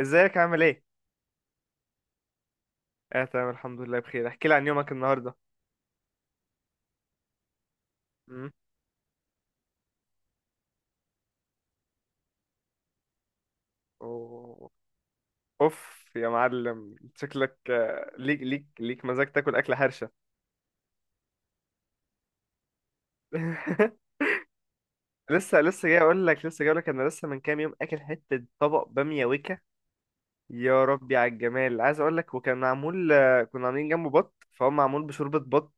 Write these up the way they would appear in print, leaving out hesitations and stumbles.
ازيك عامل ايه؟ اه، تمام الحمد لله بخير. احكي لي عن يومك النهارده. امم أوه. اوف يا معلم، شكلك ليك مزاج تاكل اكل حرشه. لسه لسه جاي اقول لك لسه جاي اقول لك انا لسه من كام يوم اكل حته طبق باميه وكا. يا ربي على الجمال! عايز اقول لك وكان معمول، كنا عاملين جنبه بط، فهو معمول بشوربه بط،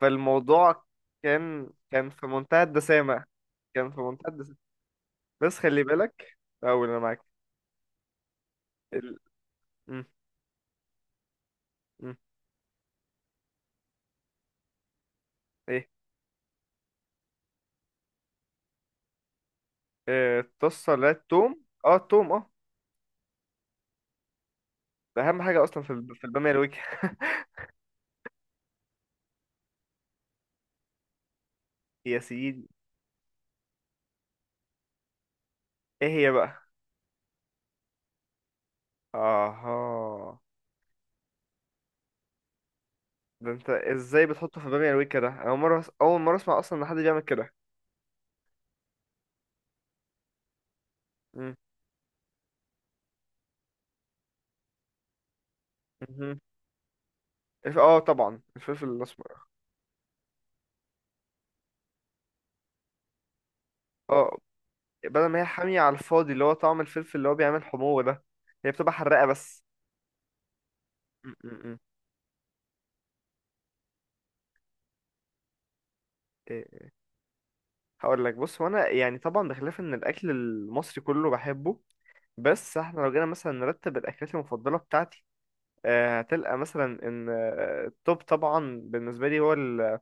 فالموضوع كان في منتهى الدسامه، كان في منتهى الدسامه. بس خلي بالك، اول انا معاك. ال... م- م- ايه؟ الطاسة، لا التوم، اه التوم اه. ده أهم حاجة أصلا في في البامية الوجه. يا سيدي. ايه هي بقى؟ اها. ده انت ازاي بتحطه في بامية الوجه ده؟ أنا أول مرة أسمع أصلا إن حد بيعمل كده. مم. مهم. اه طبعا الفلفل الأسمر. اه، بدل ما هي حامية على الفاضي اللي هو طعم الفلفل اللي هو بيعمل حموة ده، هي بتبقى حراقة بس. مم، مم، مم. إيه، هقول لك. بص هو انا يعني طبعا بخلاف ان الاكل المصري كله بحبه، بس احنا لو جينا مثلا نرتب الاكلات المفضله بتاعتي، هتلقى مثلا ان التوب طبعا بالنسبه لي هو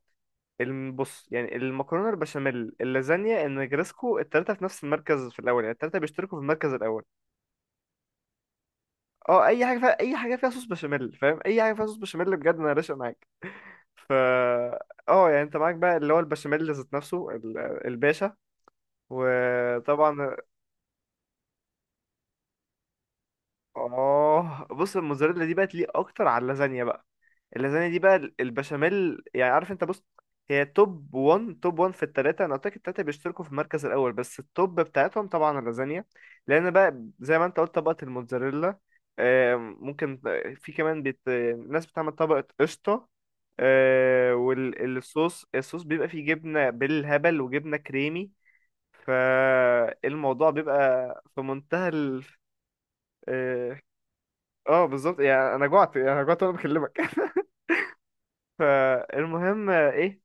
البص، يعني المكرونه البشاميل، اللازانيا، النجرسكو، التلاته في نفس المركز في الاول. يعني التلاته بيشتركوا في المركز الاول. اه، اي حاجه فيها صوص بشاميل، فاهم؟ اي حاجه فيها صوص بشاميل بجد انا راشق معاك. ف اه، يعني انت معاك بقى اللي هو البشاميل ذات نفسه الباشا. وطبعا اه، بص الموزاريلا دي بقت ليه اكتر على اللازانيا بقى. اللازانيا دي بقى البشاميل، يعني عارف انت؟ بص هي توب 1، توب 1 في التلاتة. انا قلت لك التلاتة بيشتركوا في المركز الاول، بس التوب بتاعتهم طبعا اللازانيا، لان بقى زي ما انت قلت، طبقة الموتزاريلا. آم، ممكن في كمان ناس بتعمل طبقة قشطة، الصوص بيبقى فيه جبنة بالهبل وجبنة كريمي. فالموضوع بيبقى في منتهى. اه بالظبط، يعني انا جوعت وانا بكلمك. فالمهم ايه؟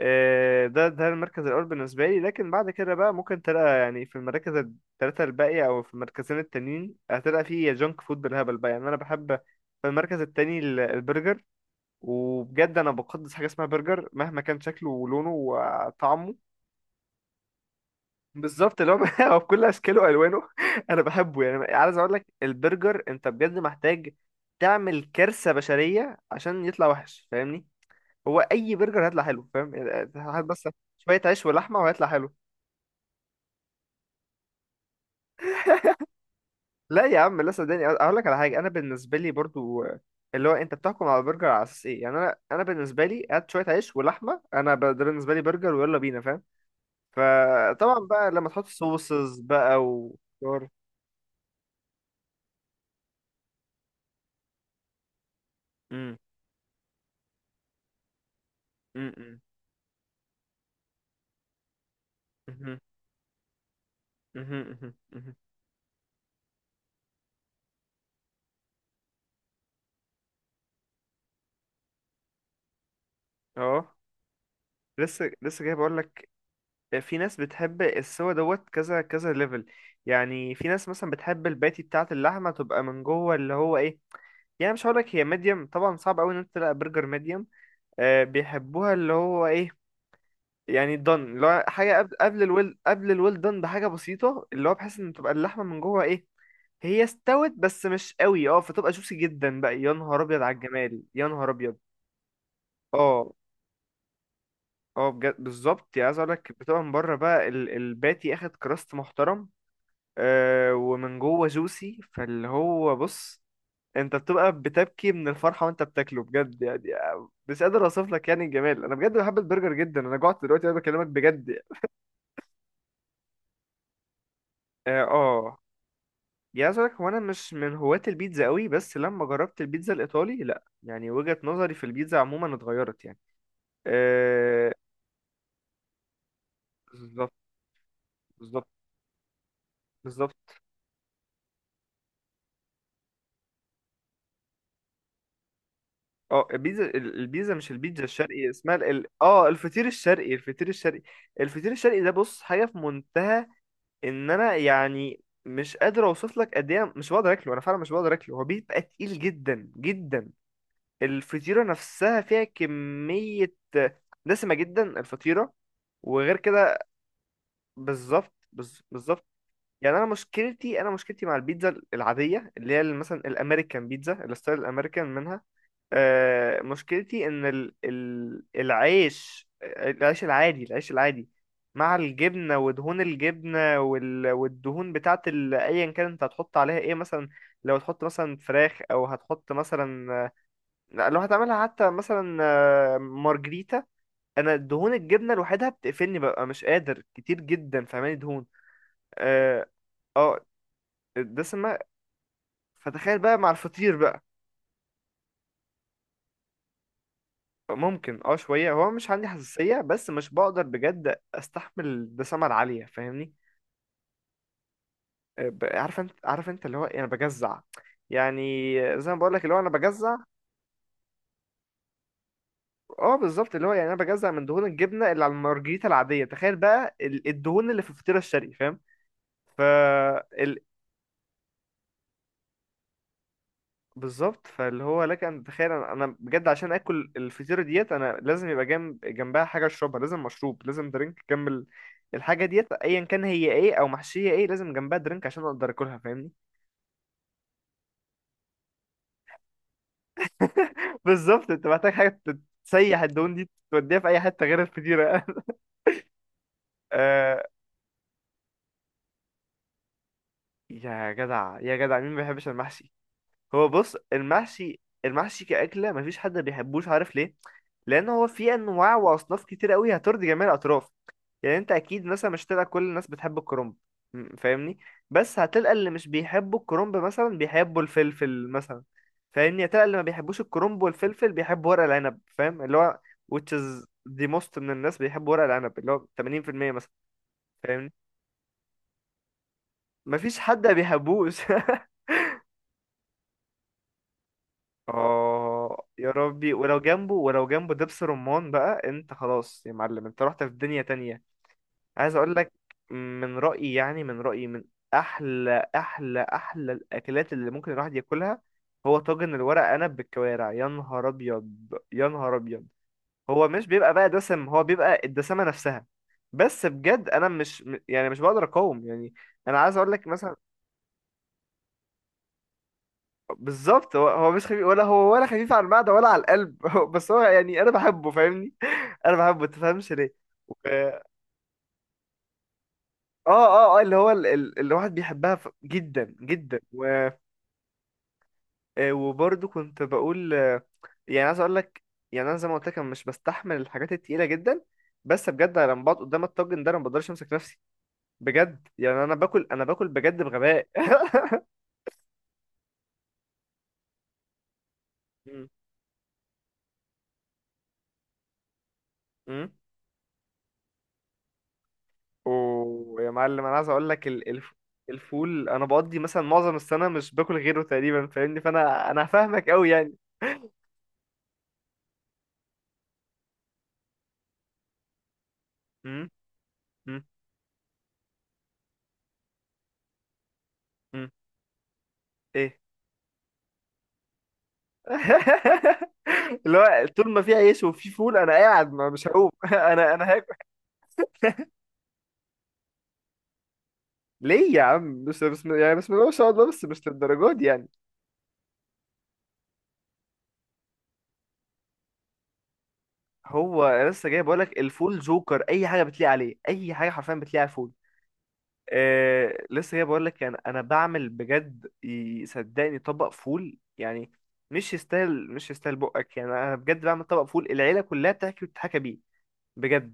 ده المركز الاول بالنسبه لي، لكن بعد كده بقى ممكن تلاقي، يعني في المراكز الثلاثه الباقيه، او في المركزين التانيين هتلاقي فيه جانك فود بالهبل بقى. يعني انا بحب في المركز التاني البرجر، وبجد انا بقدس حاجه اسمها برجر مهما كان شكله ولونه وطعمه. بالظبط اللي هو هو بكل اشكاله والوانه. انا بحبه. يعني عايز اقول لك البرجر انت بجد محتاج تعمل كارثه بشريه عشان يطلع وحش، فاهمني؟ هو اي برجر هيطلع حلو، فاهم؟ يعني هات بس شويه عيش ولحمه وهيطلع حلو. لا يا عم لا، صدقني اقول لك على حاجه. انا بالنسبه لي برضو اللي هو انت بتحكم على البرجر على اساس ايه؟ يعني انا بالنسبه لي هات شويه عيش ولحمه، ده بالنسبه لي برجر ويلا بينا، فاهم؟ فطبعا بقى لما تحط صوصز بقى و... امم مهم، مهم، مهم. اه، لسه جاي بقول لك، في ناس بتحب السوا دوت كذا كذا ليفل. يعني في ناس مثلا بتحب الباتي بتاعه اللحمه تبقى من جوه اللي هو ايه؟ يعني مش هقول لك هي ميديم، طبعا صعب قوي ان انت تلاقي برجر ميديم. آه، بيحبوها اللي هو ايه؟ يعني دن اللي هو حاجه قبل الويل، قبل الويل دن بحاجه بسيطه، اللي هو بحيث ان تبقى اللحمه من جوه ايه؟ هي استوت بس مش قوي اه، فتبقى جوسي جدا بقى. يا نهار ابيض على الجمال، يا نهار ابيض. اه اه بجد بالظبط. يعني عايز اقول لك بتبقى من بره بقى الباتي اخد كراست محترم، آه، ومن جوه جوسي، فاللي هو بص، انت بتبقى بتبكي من الفرحه وانت بتاكله بجد يعني. مش قادر اوصف لك يعني الجمال. انا بجد بحب البرجر جدا، انا جوعت دلوقتي انا بكلمك بجد يعني. اه آه. يعني عايز اقول لك هو انا مش من هواة البيتزا قوي، بس لما جربت البيتزا الايطالي، لا يعني وجهة نظري في البيتزا عموما اتغيرت يعني. آه. بالظبط. بالظبط. بالظبط. اه، البيتزا البيتزا، مش البيتزا الشرقي، اسمها اه الفطير الشرقي، الفطير الشرقي. الفطير الشرقي ده بص حاجه في منتهى. ان انا يعني مش قادر اوصف لك قد ايه، مش بقدر اكله، انا فعلا مش بقدر اكله. هو بيبقى تقيل جدا جدا. الفطيره نفسها فيها كميه دسمه جدا، الفطيره، وغير كده. بالظبط. يعني انا مشكلتي مع البيتزا العاديه اللي هي مثلا الامريكان بيتزا، الستايل الامريكان منها. مشكلتي ان العيش، العيش العادي مع الجبنه ودهون الجبنه والدهون بتاعت ايا كان انت هتحط عليها ايه مثلا. لو هتحط مثلا فراخ، او هتحط مثلا، لا، لو هتعملها حتى مثلا، مارجريتا، انا دهون الجبنه لوحدها بتقفلني، ببقى مش قادر كتير جدا، فاهماني؟ دهون اه، آه، دسمه. فتخيل بقى مع الفطير بقى. ممكن اه شوية، هو مش عندي حساسية، بس مش بقدر بجد استحمل الدسامة العالية، فاهمني؟ عارف انت اللي هو ايه، انا بجزع. يعني زي ما بقول لك، اللي هو انا بجزع. اه بالظبط اللي هو، يعني انا بجزع من دهون الجبنة اللي على المارجريتا العادية، تخيل بقى الدهون اللي في الفطيرة الشرقي، فاهم؟ ف بالظبط، فاللي هو لك ان تتخيل، أنا بجد عشان اكل الفطيره ديت انا لازم يبقى جنبها حاجه اشربها، لازم مشروب، لازم درينك جنب الحاجه ديت، ايا كان هي ايه، او محشيه ايه، لازم جنبها درينك عشان اقدر اكلها فاهمني. بالظبط، انت محتاج حاجه تسيح الدهون دي، توديها في اي حته غير الفطيره. آه، يا جدع مين ما بيحبش المحشي؟ هو بص، المحشي، كأكلة مفيش حد بيحبوش، عارف ليه؟ لأن هو فيه أنواع وأصناف كتير قوي هترضي جميع الأطراف. يعني أنت أكيد مثلا مش هتلاقي كل الناس بتحب الكرنب، فاهمني؟ بس هتلقى اللي مش بيحبوا الكرنب مثلا بيحبوا الفلفل مثلا، فاهمني؟ هتلقى اللي ما بيحبوش الكرنب والفلفل بيحبوا ورق العنب، فاهم اللي هو which is the most؟ من الناس بيحبوا ورق العنب اللي هو 80% مثلا، فاهمني؟ مفيش حد ما بيحبوش. اه يا ربي، ولو جنبه، ولو جنبه دبس رمان بقى، انت خلاص يا معلم، انت رحت في دنيا تانية. عايز اقول لك، من رأيي من احلى، احلى، احلى الاكلات اللي ممكن الواحد ياكلها، هو طاجن الورق عنب بالكوارع. يا نهار ابيض، يا نهار ابيض. هو مش بيبقى بقى دسم، هو بيبقى الدسامة نفسها. بس بجد انا مش م- يعني مش بقدر اقاوم يعني. انا عايز اقول لك مثلا. بالظبط، هو مش خفيف، ولا هو ولا خفيف على المعدة ولا على القلب. هو- بس هو يعني انا بحبه، فاهمني؟ انا بحبه انت تفهمش ليه. و- اه، اه اللي هو اللي الواحد بيحبها، جدا جدا و... وبرضه كنت بقول، يعني عايز اقول لك، يعني انا زي ما قلت لك أنا مش بستحمل الحاجات التقيله جدا، بس بجد أنا لما بقعد قدام الطاجن ده انا ما بقدرش امسك نفسي. بجد يعني، انا باكل بجد بغباء. مم. ويا معلم انا عايز اقول لك الفول، انا بقضي مثلا معظم السنه مش باكل غيره تقريبا، فاهمني؟ فانا فاهمك قوي يعني. امم امم امم ايه. اللي هو طول ما في عيش وفي فول انا قاعد ما مش هقوم، انا هاكل. ليه يا عم؟ بس بسم يعني بسم الله ما شاء الله، بس مش للدرجه دي يعني. هو أنا لسه جاي بقول لك، الفول جوكر اي حاجه بتليق عليه، اي حاجه حرفيا بتليق على الفول. آه، لسه جاي بقول لك، يعني انا بعمل بجد صدقني طبق فول، يعني مش يستاهل بقك، يعني انا بجد بعمل طبق فول العيله كلها بتحكي وتتحكى بيه، بجد.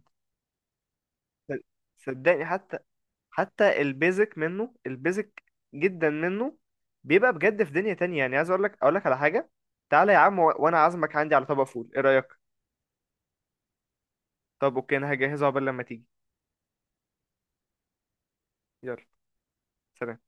صد- صدقني حتى، البيزك منه، البيزك جدا منه، بيبقى بجد في دنيا تانية. يعني عايز اقول لك، اقول لك على حاجه، تعالى يا عم، وانا عازمك عندي على طبق فول، ايه رايك؟ طب اوكي، انا هجهزه قبل لما تيجي. يلا. سلام.